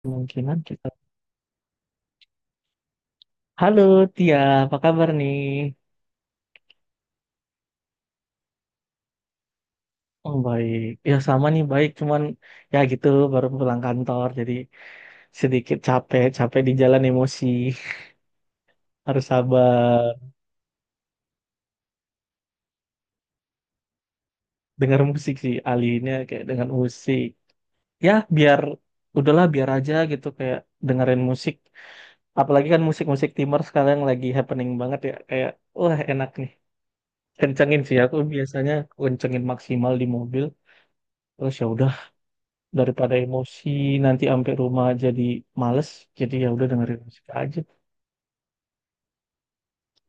Kemungkinan kita. Halo Tia, apa kabar nih? Oh baik, ya sama nih baik, cuman ya gitu baru pulang kantor jadi sedikit capek, capek di jalan emosi. Harus sabar. Dengar musik sih alinya kayak dengan musik. Ya biar udahlah biar aja gitu kayak dengerin musik. Apalagi kan musik-musik timur sekarang lagi happening banget ya kayak wah enak nih. Kencengin sih aku biasanya kencengin maksimal di mobil. Terus ya udah daripada emosi nanti sampai rumah jadi males, jadi ya udah dengerin musik aja.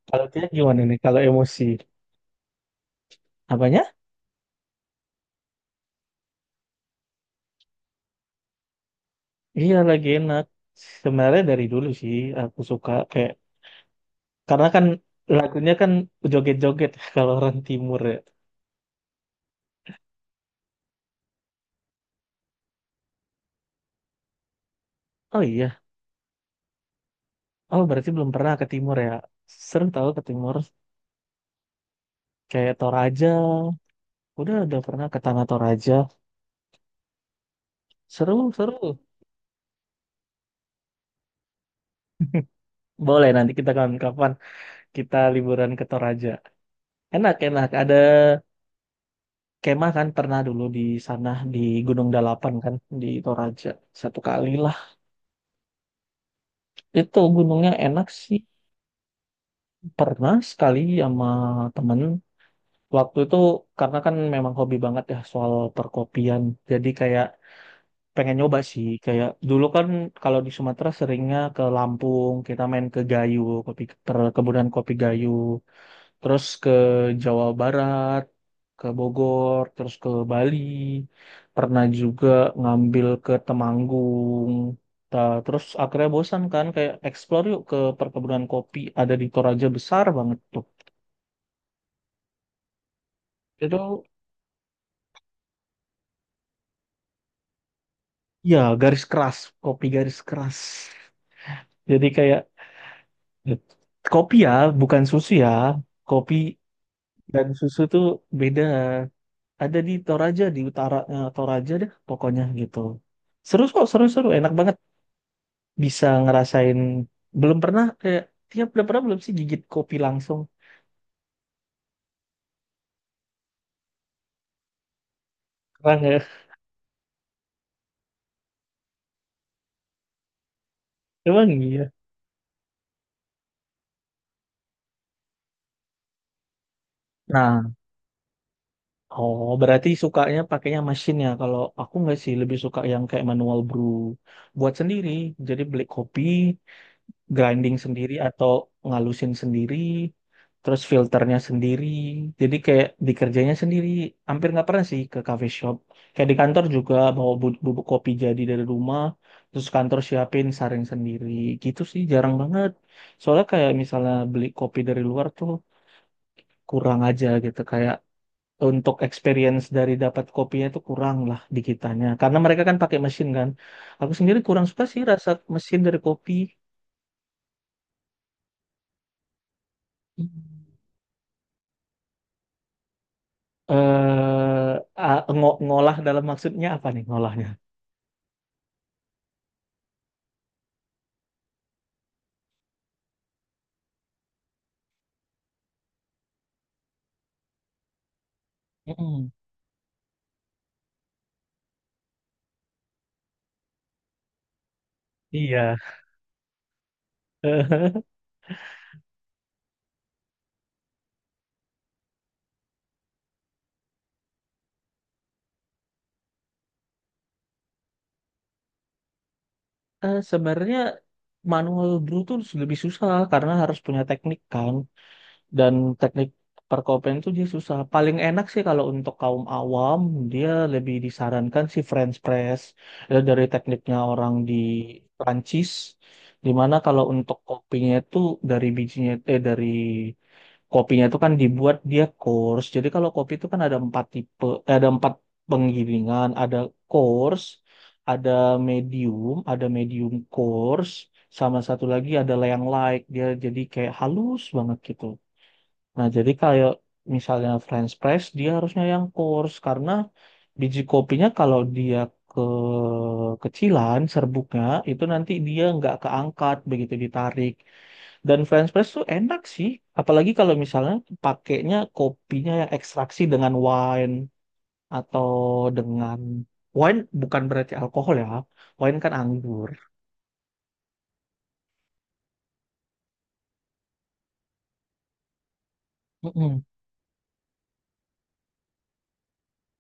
Kalau dia gimana nih kalau emosi apanya? Iya lagi enak, sebenarnya dari dulu sih aku suka kayak karena kan lagunya kan joget-joget. Kalau orang timur ya, oh iya, oh berarti belum pernah ke timur ya. Seru tahu ke timur kayak Toraja, udah pernah ke Tanah Toraja. Seru seru. Boleh nanti kita kapan-kapan kita liburan ke Toraja, enak enak ada kemah kan pernah dulu di sana di Gunung Dalapan kan di Toraja satu kali lah. Itu gunungnya enak sih, pernah sekali sama temen waktu itu karena kan memang hobi banget ya soal perkopian, jadi kayak pengen nyoba sih kayak dulu kan. Kalau di Sumatera seringnya ke Lampung, kita main ke Gayo, kopi, perkebunan kopi Gayo. Terus ke Jawa Barat, ke Bogor, terus ke Bali, pernah juga ngambil ke Temanggung. Ta- Terus akhirnya bosan kan kayak explore yuk ke perkebunan kopi ada di Toraja besar banget tuh. Itu ya garis keras, kopi garis keras. Jadi kayak kopi ya, bukan susu ya. Kopi dan susu tuh beda. Ada di Toraja di utara, eh, Toraja deh pokoknya gitu. Seru kok, seru-seru, enak banget. Bisa ngerasain belum pernah kayak tiap udah pernah belum sih gigit kopi langsung pernah nggak. Emang iya. Nah, oh berarti sukanya pakainya mesin ya. Kalau aku nggak sih, lebih suka yang kayak manual brew, buat sendiri. Jadi beli kopi, grinding sendiri atau ngalusin sendiri, terus filternya sendiri. Jadi kayak dikerjanya sendiri, hampir nggak pernah sih ke cafe shop. Kayak di kantor juga bawa bubuk kopi jadi dari rumah, terus kantor siapin saring sendiri. Gitu sih jarang banget. Soalnya kayak misalnya beli kopi dari luar tuh kurang aja gitu kayak. Untuk experience dari dapat kopinya tuh kurang lah di kitanya, karena mereka kan pakai mesin kan. Aku sendiri kurang suka sih rasa mesin dari kopi. Eh, a, ngolah dalam maksudnya apa nih ngolahnya? Mhm. Iya. Sebenarnya manual brew tuh lebih susah karena harus punya teknik kan, dan teknik perkopian tuh dia susah. Paling enak sih kalau untuk kaum awam dia lebih disarankan si French press, dari tekniknya orang di Prancis, dimana kalau untuk kopinya itu dari bijinya, eh, dari kopinya itu kan dibuat dia coarse. Jadi kalau kopi itu kan ada empat tipe, eh, ada empat penggilingan, ada coarse, ada ada medium coarse, sama satu lagi adalah yang light. Dia jadi kayak halus banget gitu. Nah, jadi kayak misalnya French press, dia harusnya yang coarse karena biji kopinya kalau dia ke kecilan serbuknya itu nanti dia nggak keangkat begitu ditarik. Dan French press tuh enak sih, apalagi kalau misalnya pakainya kopinya yang ekstraksi dengan wine atau dengan wine, bukan berarti alkohol ya, wine kan anggur. Mm-mm.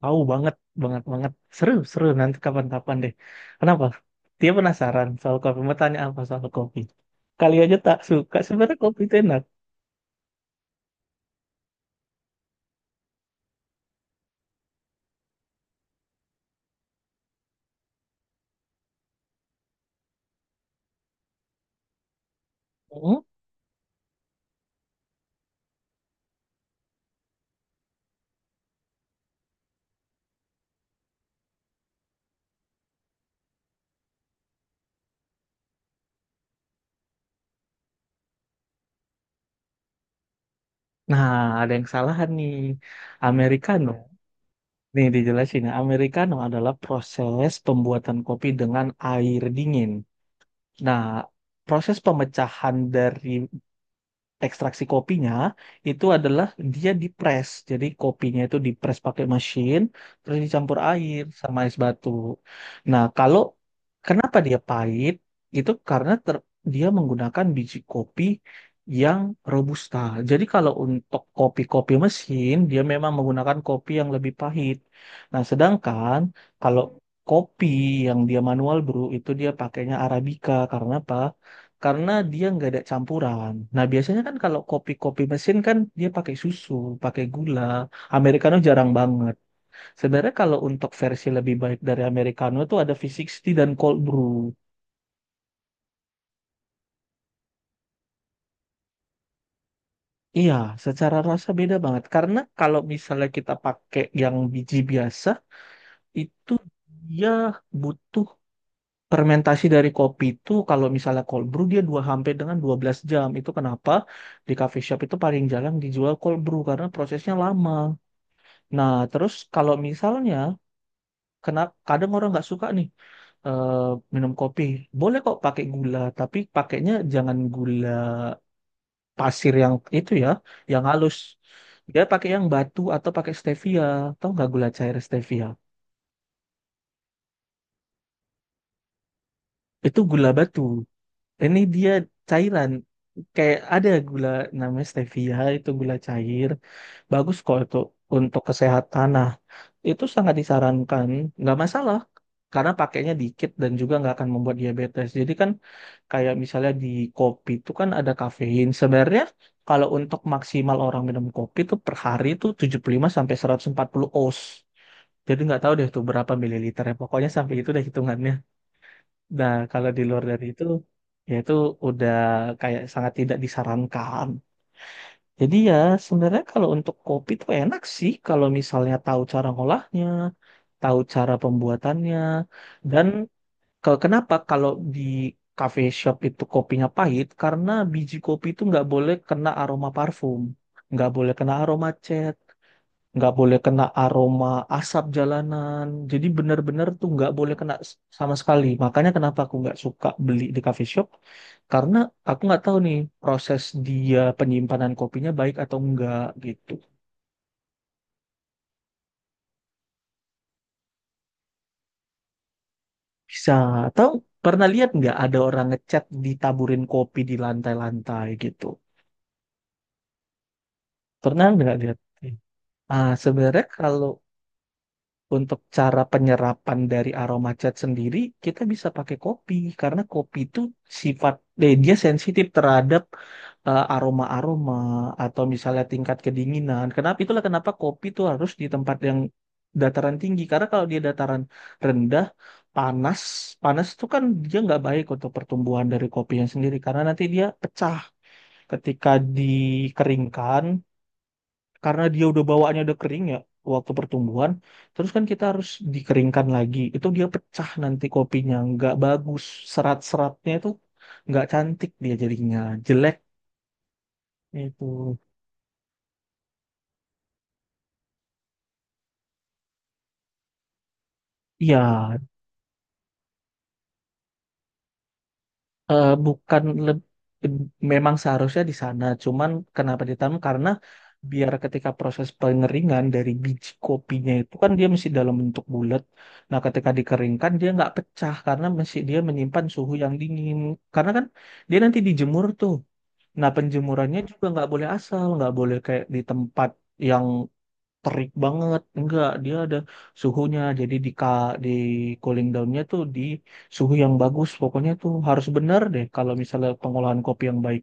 Tahu banget, banget banget. Seru, seru nanti kapan-kapan deh. Kenapa? Dia penasaran soal kopi, mau tanya apa soal kopi. Kali aja tak suka, sebenarnya kopi itu enak. Mm-mm. Nah, ada yang salahan nih. Americano. Nih dijelasin ya, Americano adalah proses pembuatan kopi dengan air dingin. Nah, proses pemecahan dari ekstraksi kopinya itu adalah dia dipres. Jadi kopinya itu dipres pakai mesin, terus dicampur air sama es batu. Nah, kalau kenapa dia pahit? Itu karena dia menggunakan biji kopi yang robusta. Jadi kalau untuk kopi-kopi mesin, dia memang menggunakan kopi yang lebih pahit. Nah, sedangkan kalau kopi yang dia manual brew itu dia pakainya Arabica karena apa? Karena dia nggak ada campuran. Nah, biasanya kan kalau kopi-kopi mesin kan dia pakai susu, pakai gula. Americano jarang banget. Sebenarnya kalau untuk versi lebih baik dari Americano itu ada V60 dan cold brew. Iya, secara rasa beda banget. Karena kalau misalnya kita pakai yang biji biasa, itu dia butuh fermentasi dari kopi itu. Kalau misalnya cold brew dia dua, hampir dengan 12 jam. Itu kenapa di coffee shop itu paling jarang dijual cold brew karena prosesnya lama. Nah, terus kalau misalnya kena kadang orang nggak suka nih, eh, minum kopi, boleh kok pakai gula, tapi pakainya jangan gula pasir yang itu ya, yang halus. Dia pakai yang batu atau pakai stevia, tahu nggak gula cair stevia? Itu gula batu. Ini dia cairan. Kayak ada gula namanya stevia, itu gula cair. Bagus kok itu untuk kesehatan. Nah, itu sangat disarankan, nggak masalah karena pakainya dikit dan juga nggak akan membuat diabetes. Jadi kan kayak misalnya di kopi itu kan ada kafein. Sebenarnya kalau untuk maksimal orang minum kopi itu per hari itu 75 sampai 140 oz. Jadi nggak tahu deh tuh berapa mililiter ya. Pokoknya sampai itu deh hitungannya. Nah, kalau di luar dari itu ya itu udah kayak sangat tidak disarankan. Jadi ya sebenarnya kalau untuk kopi tuh enak sih kalau misalnya tahu cara ngolahnya, tahu cara pembuatannya, dan kenapa kalau di cafe shop itu kopinya pahit karena biji kopi itu nggak boleh kena aroma parfum, nggak boleh kena aroma cat, nggak boleh kena aroma asap jalanan. Jadi benar-benar tuh nggak boleh kena sama sekali. Makanya kenapa aku nggak suka beli di coffee shop, karena aku nggak tahu nih proses dia penyimpanan kopinya baik atau enggak gitu. Bisa tahu, pernah lihat nggak ada orang ngecat ditaburin kopi di lantai-lantai gitu? Pernah nggak lihat? Ah, sebenarnya kalau untuk cara penyerapan dari aroma cat sendiri, kita bisa pakai kopi karena kopi itu sifat, eh, dia sensitif terhadap, eh, aroma-aroma atau misalnya tingkat kedinginan. Kenapa itulah kenapa kopi itu harus di tempat yang dataran tinggi karena kalau dia dataran rendah panas, panas itu kan dia nggak baik untuk pertumbuhan dari kopinya sendiri karena nanti dia pecah ketika dikeringkan karena dia udah bawaannya udah kering ya waktu pertumbuhan. Terus kan kita harus dikeringkan lagi, itu dia pecah nanti kopinya nggak bagus, serat-seratnya itu nggak cantik, dia jadinya jelek itu. Iya, eh, bukan memang seharusnya di sana, cuman kenapa ditanam? Karena biar ketika proses pengeringan dari biji kopinya itu kan dia masih dalam bentuk bulat. Nah, ketika dikeringkan dia nggak pecah karena masih dia menyimpan suhu yang dingin. Karena kan dia nanti dijemur tuh. Nah, penjemurannya juga nggak boleh asal, nggak boleh kayak di tempat yang terik banget, enggak, dia ada suhunya, jadi di ka, di cooling downnya tuh di suhu yang bagus, pokoknya tuh harus bener deh kalau misalnya pengolahan kopi yang baik.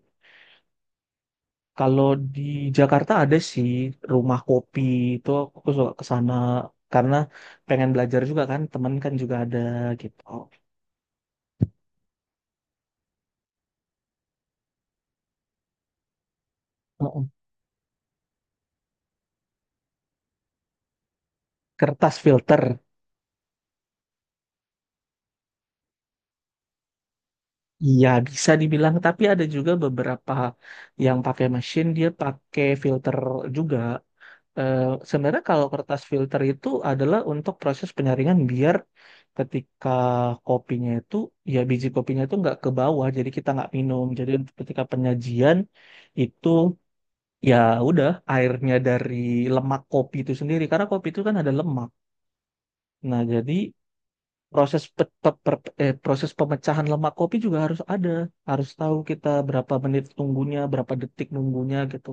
Kalau di Jakarta ada sih rumah kopi itu, aku suka ke sana karena pengen belajar juga kan, temen kan juga ada gitu. Mm-mm. Kertas filter. Iya bisa dibilang, tapi ada juga beberapa yang pakai mesin dia pakai filter juga. Eh, sebenarnya kalau kertas filter itu adalah untuk proses penyaringan biar ketika kopinya itu ya biji kopinya itu nggak ke bawah jadi kita nggak minum, jadi untuk ketika penyajian itu ya udah airnya dari lemak kopi itu sendiri karena kopi itu kan ada lemak. Nah, jadi proses eh, proses pemecahan lemak kopi juga harus ada, harus tahu kita berapa menit nunggunya berapa detik nunggunya gitu.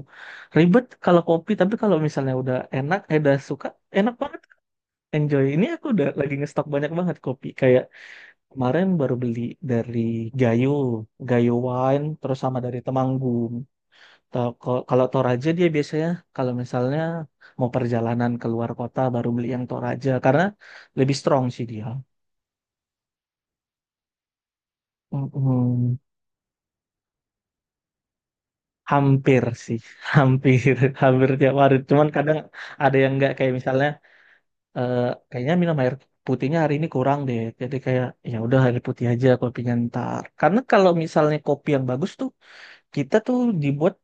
Ribet kalau kopi, tapi kalau misalnya udah enak, eh, udah suka, enak banget, enjoy. Ini aku udah lagi ngestok banyak banget kopi kayak kemarin baru beli dari Gayo, Gayo Wine terus sama dari Temanggung. Kalau Toraja dia biasanya kalau misalnya mau perjalanan keluar kota baru beli yang Toraja karena lebih strong sih dia. Mm-mm. Hampir sih, hampir, hampir tiap hari. Cuman kadang ada yang nggak kayak misalnya, eh, kayaknya minum air putihnya hari ini kurang deh. Jadi kayak ya udah air putih aja kopinya ntar. Karena kalau misalnya kopi yang bagus tuh, kita tuh dibuat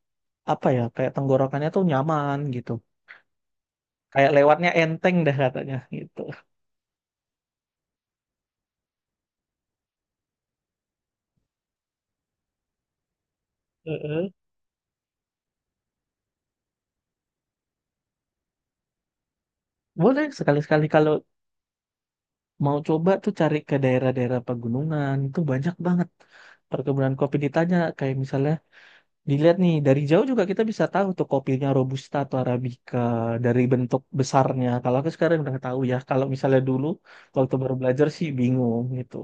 apa ya, kayak tenggorokannya tuh nyaman gitu. Kayak lewatnya enteng dah katanya gitu. Heeh. Boleh sekali-sekali kalau mau coba tuh cari ke daerah-daerah pegunungan, itu banyak banget perkebunan kopi ditanya kayak misalnya dilihat nih dari jauh juga kita bisa tahu tuh kopinya robusta atau arabica dari bentuk besarnya. Kalau aku sekarang udah tahu ya. Kalau misalnya dulu waktu baru belajar sih bingung gitu.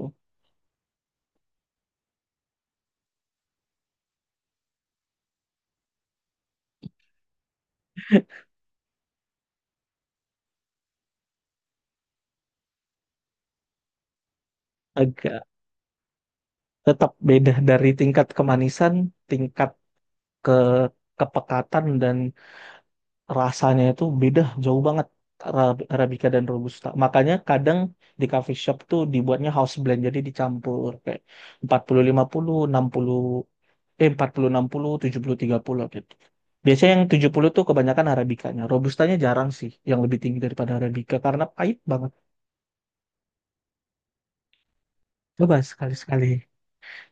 Agak tetap beda dari tingkat kemanisan, tingkat ke kepekatan dan rasanya itu beda jauh banget. Arabica dan robusta. Makanya kadang di coffee shop tuh dibuatnya house blend jadi dicampur kayak empat puluh lima puluh enam puluh, eh, empat puluh puluh enam puluh, tujuh puluh tiga puluh gitu. Biasanya yang 70 tuh kebanyakan arabikanya. Robustanya jarang sih yang lebih tinggi daripada arabica karena pahit banget. Coba sekali-sekali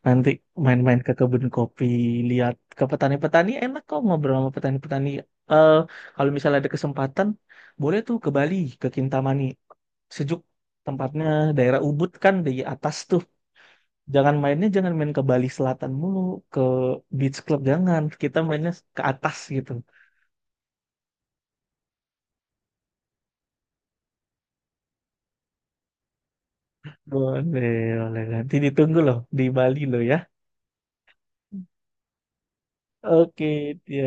nanti main-main ke kebun kopi, lihat ke petani-petani enak kok ngobrol sama petani-petani. Eh kalau misalnya ada kesempatan, boleh tuh ke Bali, ke Kintamani. Sejuk tempatnya daerah Ubud kan di atas tuh. Jangan mainnya jangan main ke Bali Selatan mulu, ke beach club jangan. Kita mainnya ke atas gitu. Boleh, boleh. Nanti ditunggu loh di Bali loh ya. Oke, ya.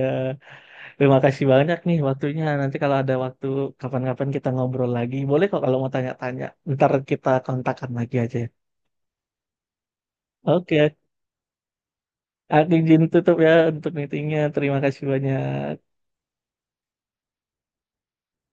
Terima kasih banyak nih waktunya. Nanti kalau ada waktu kapan-kapan kita ngobrol lagi. Boleh kok kalau mau tanya-tanya. Ntar kita kontakkan lagi aja ya. Oke, aku izin tutup ya untuk meetingnya. Terima kasih banyak.